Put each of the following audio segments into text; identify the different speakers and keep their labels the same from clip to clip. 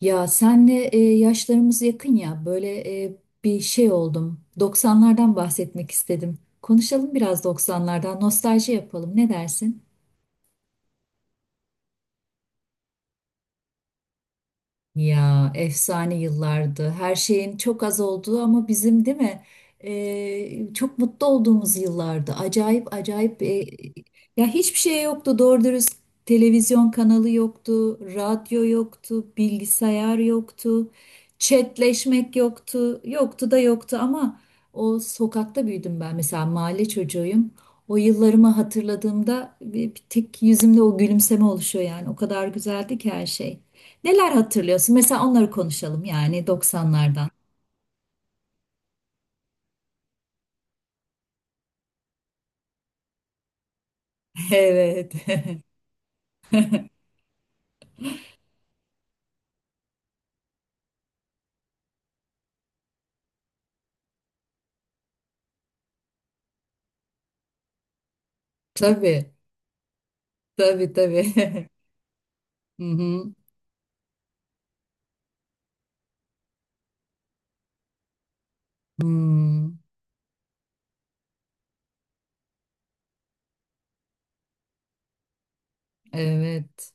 Speaker 1: Ya senle yaşlarımız yakın ya böyle bir şey oldum. 90'lardan bahsetmek istedim. Konuşalım biraz 90'lardan, nostalji yapalım. Ne dersin? Ya efsane yıllardı. Her şeyin çok az olduğu ama bizim, değil mi? Çok mutlu olduğumuz yıllardı. Acayip acayip ya hiçbir şey yoktu. Doğru dürüst televizyon kanalı yoktu, radyo yoktu, bilgisayar yoktu, chatleşmek yoktu. Yoktu da yoktu ama o sokakta büyüdüm ben. Mesela mahalle çocuğuyum. O yıllarımı hatırladığımda bir tek yüzümde o gülümseme oluşuyor yani. O kadar güzeldi ki her şey. Neler hatırlıyorsun? Mesela onları konuşalım yani 90'lardan. Evet. Tabii. Tabii, tabii. Hı hı. Hmm, evet.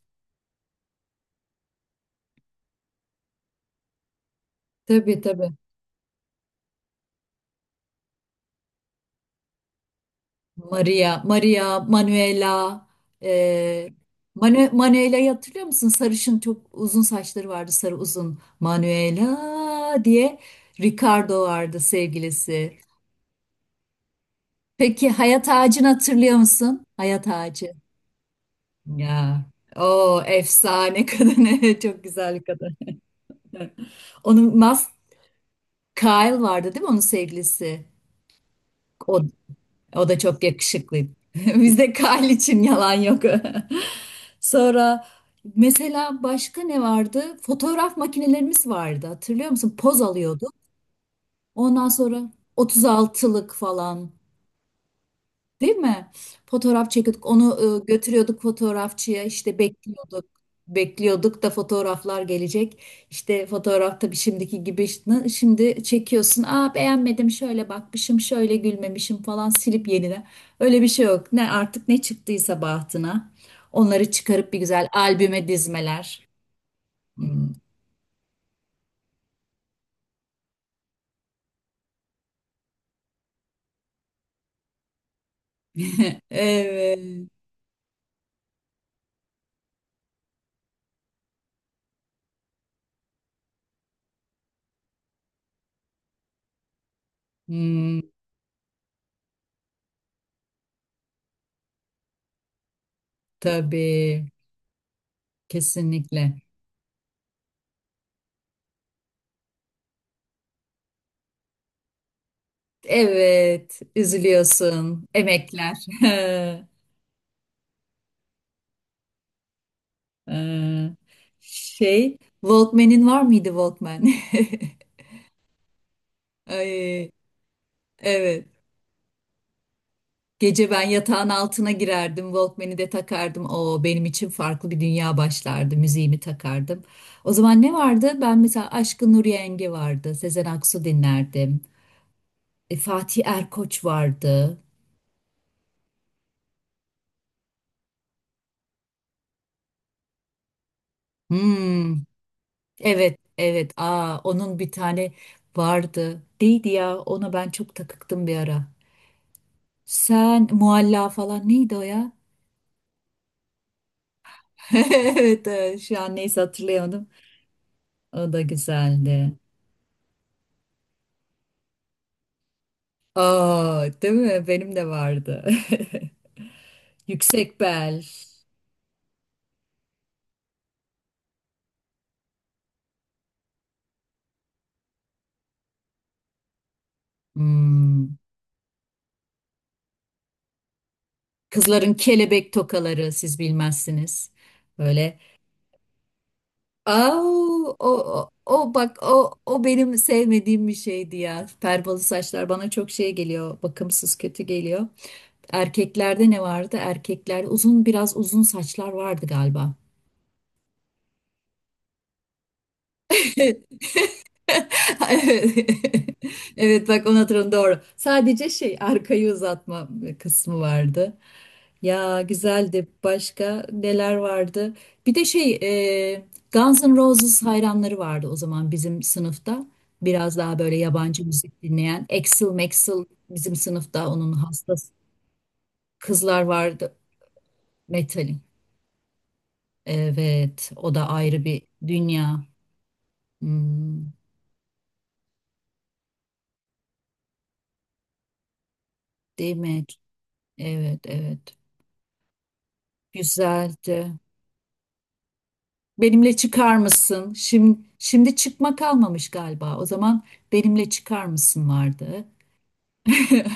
Speaker 1: Tabii, tabii. Maria, Maria, Manuela. E, Manuela'yı hatırlıyor musun? Sarışın, çok uzun saçları vardı. Sarı, uzun. Manuela diye. Ricardo vardı sevgilisi. Peki hayat ağacını hatırlıyor musun? Hayat ağacı. Ya o efsane kadın, evet, çok güzel bir kadın. Onun Kyle vardı, değil mi, onun sevgilisi? O, o da çok yakışıklıydı. Bizde Kyle için yalan yok. Sonra mesela başka ne vardı? Fotoğraf makinelerimiz vardı, hatırlıyor musun? Poz alıyorduk. Ondan sonra 36'lık falan. Değil mi? Fotoğraf çekiyorduk. Onu götürüyorduk fotoğrafçıya. İşte bekliyorduk. Bekliyorduk da fotoğraflar gelecek. İşte fotoğraf, tabii şimdiki gibi şimdi çekiyorsun. Aa, beğenmedim, şöyle bakmışım, şöyle gülmemişim falan, silip yenile. Öyle bir şey yok. Ne artık, ne çıktıysa bahtına. Onları çıkarıp bir güzel albüme dizmeler. Hmm. Evet. Hmm, tabii. Kesinlikle. Evet, üzülüyorsun. Emekler. Ee, Şey, Walkman'in var mıydı, Walkman? Ay, evet. Gece ben yatağın altına girerdim, Walkman'i de takardım. O benim için farklı bir dünya başlardı. Müziğimi takardım. O zaman ne vardı? Ben mesela, Aşkın Nur Yengi vardı. Sezen Aksu dinlerdim. Fatih Erkoç vardı. Hmm. Evet, evet. Aa, onun bir tane vardı. Neydi ya? Ona ben çok takıktım bir ara. Sen mualla falan, neydi o ya? Evet, evet. Şu an neyse, hatırlayamadım. O da güzeldi. Aa, değil mi? Benim de vardı. Yüksek bel. Hmm. Kızların kelebek tokaları, siz bilmezsiniz. Böyle. Aa, o bak, o benim sevmediğim bir şeydi ya. Perbalı saçlar bana çok şey geliyor. Bakımsız, kötü geliyor. Erkeklerde ne vardı? Erkekler uzun, biraz uzun saçlar vardı galiba. Evet. Evet, bak, onu hatırladım, doğru. Sadece şey, arkayı uzatma kısmı vardı. Ya, güzeldi. Başka neler vardı? Bir de şey, e, Guns N' Roses hayranları vardı o zaman bizim sınıfta. Biraz daha böyle yabancı müzik dinleyen. Axl Maxl bizim sınıfta onun hastası. Kızlar vardı. Metalin. Evet, o da ayrı bir dünya. Hmm, değil mi? Evet, evet. Güzeldi. Benimle çıkar mısın? Şimdi çıkma kalmamış galiba. O zaman benimle çıkar mısın vardı.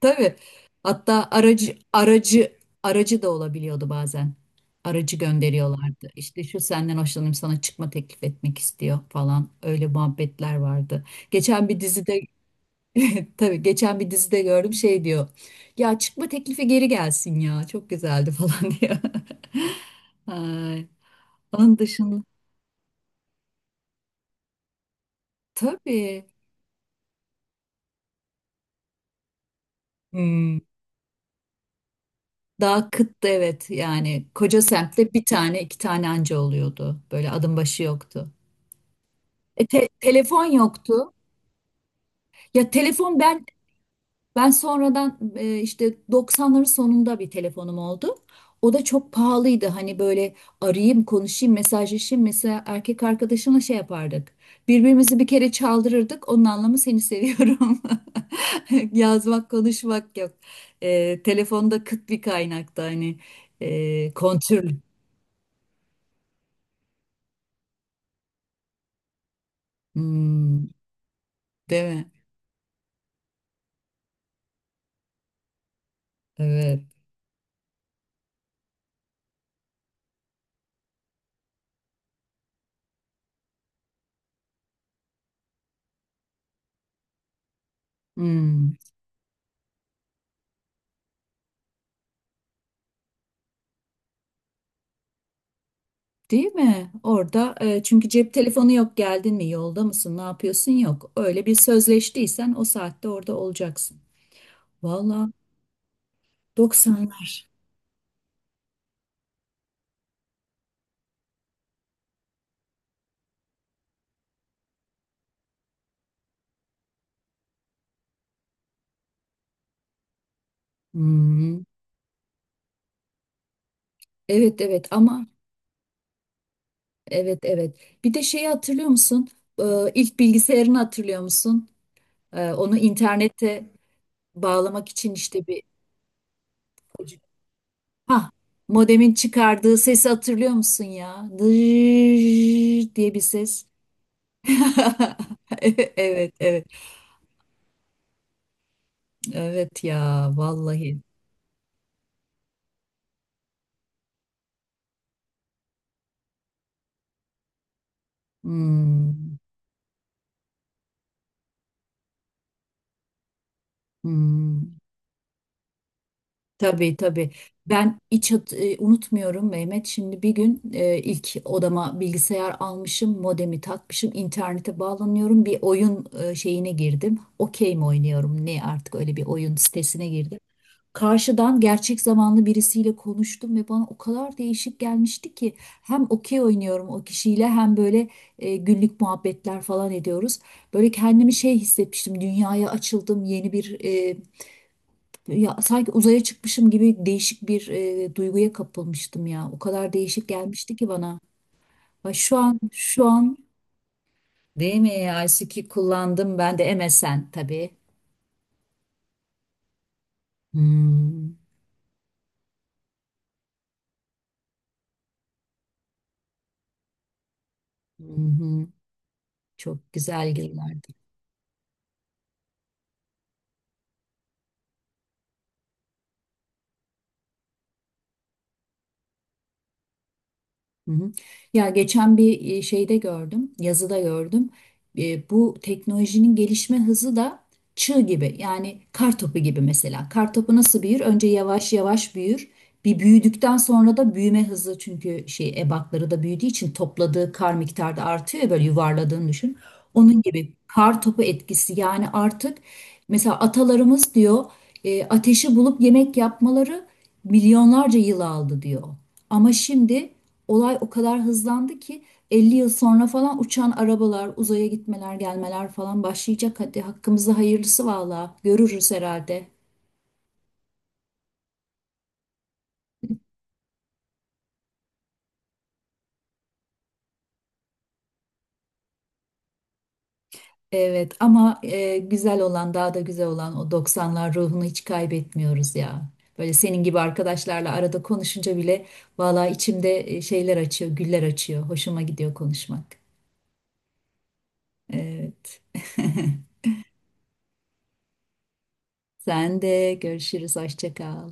Speaker 1: Tabii. Hatta aracı, aracı da olabiliyordu bazen. Aracı gönderiyorlardı. İşte şu senden hoşlanıyorum, sana çıkma teklif etmek istiyor falan. Öyle muhabbetler vardı. Geçen bir dizide tabii geçen bir dizide gördüm, şey diyor. Ya, çıkma teklifi geri gelsin ya. Çok güzeldi falan, diyor. Ay, onun dışında tabii. Hmm. Daha kıttı, evet, yani koca semtte bir tane, iki tane anca oluyordu. Böyle adım başı yoktu. Telefon yoktu. Ya telefon ben Ben sonradan, işte 90'ların sonunda bir telefonum oldu. O da çok pahalıydı. Hani böyle arayayım, konuşayım, mesajlaşayım. Mesela erkek arkadaşımla şey yapardık. Birbirimizi bir kere çaldırırdık. Onun anlamı, seni seviyorum. Yazmak, konuşmak yok. Telefonda kıt bir kaynakta, hani, kontrol. Hmm, değil mi? Evet. Hmm. Değil mi? Orada, çünkü cep telefonu yok, geldin mi, yolda mısın, ne yapıyorsun, yok. Öyle bir sözleştiysen o saatte orada olacaksın. Valla doksanlar. Hmm. Evet, evet, ama evet, evet. Bir de şeyi hatırlıyor musun? İlk bilgisayarını hatırlıyor musun? Onu internete bağlamak için işte bir, ha, modemin çıkardığı sesi hatırlıyor musun ya? Dırt diye bir ses. Evet, evet. Evet ya, vallahi. Hmm, hmm. Tabii, tabii. Ben hiç unutmuyorum Mehmet. Şimdi bir gün, ilk odama bilgisayar almışım, modemi takmışım, internete bağlanıyorum. Bir oyun, şeyine girdim. Okey mi oynuyorum? Ne artık, öyle bir oyun sitesine girdim. Karşıdan gerçek zamanlı birisiyle konuştum ve bana o kadar değişik gelmişti ki hem okey oynuyorum o kişiyle, hem böyle günlük muhabbetler falan ediyoruz. Böyle kendimi şey hissetmiştim, dünyaya açıldım, yeni bir, ya sanki uzaya çıkmışım gibi değişik bir duyguya kapılmıştım ya. O kadar değişik gelmişti ki bana. Ay, şu an değil mi? ICQ kullandım ben, de MSN tabii. Hmm. Hı hı. Çok güzel yıllardı. Hı hı. Ya, geçen bir, şeyde gördüm, yazıda gördüm. Bu teknolojinin gelişme hızı da çığ gibi. Yani kar topu gibi mesela. Kar topu nasıl büyür? Önce yavaş yavaş büyür. Bir büyüdükten sonra da büyüme hızı, çünkü şey, ebatları da büyüdüğü için topladığı kar miktarı da artıyor ya, böyle yuvarladığını düşün. Onun gibi, kar topu etkisi yani artık. Mesela atalarımız diyor, ateşi bulup yemek yapmaları milyonlarca yıl aldı diyor. Ama şimdi olay o kadar hızlandı ki 50 yıl sonra falan uçan arabalar, uzaya gitmeler, gelmeler falan başlayacak. Hadi hakkımızda hayırlısı, valla görürüz herhalde. Evet ama, güzel olan, daha da güzel olan, o doksanlar ruhunu hiç kaybetmiyoruz ya. Böyle senin gibi arkadaşlarla arada konuşunca bile valla içimde şeyler açıyor, güller açıyor. Hoşuma gidiyor konuşmak. Evet. Sen de görüşürüz. Hoşça kal.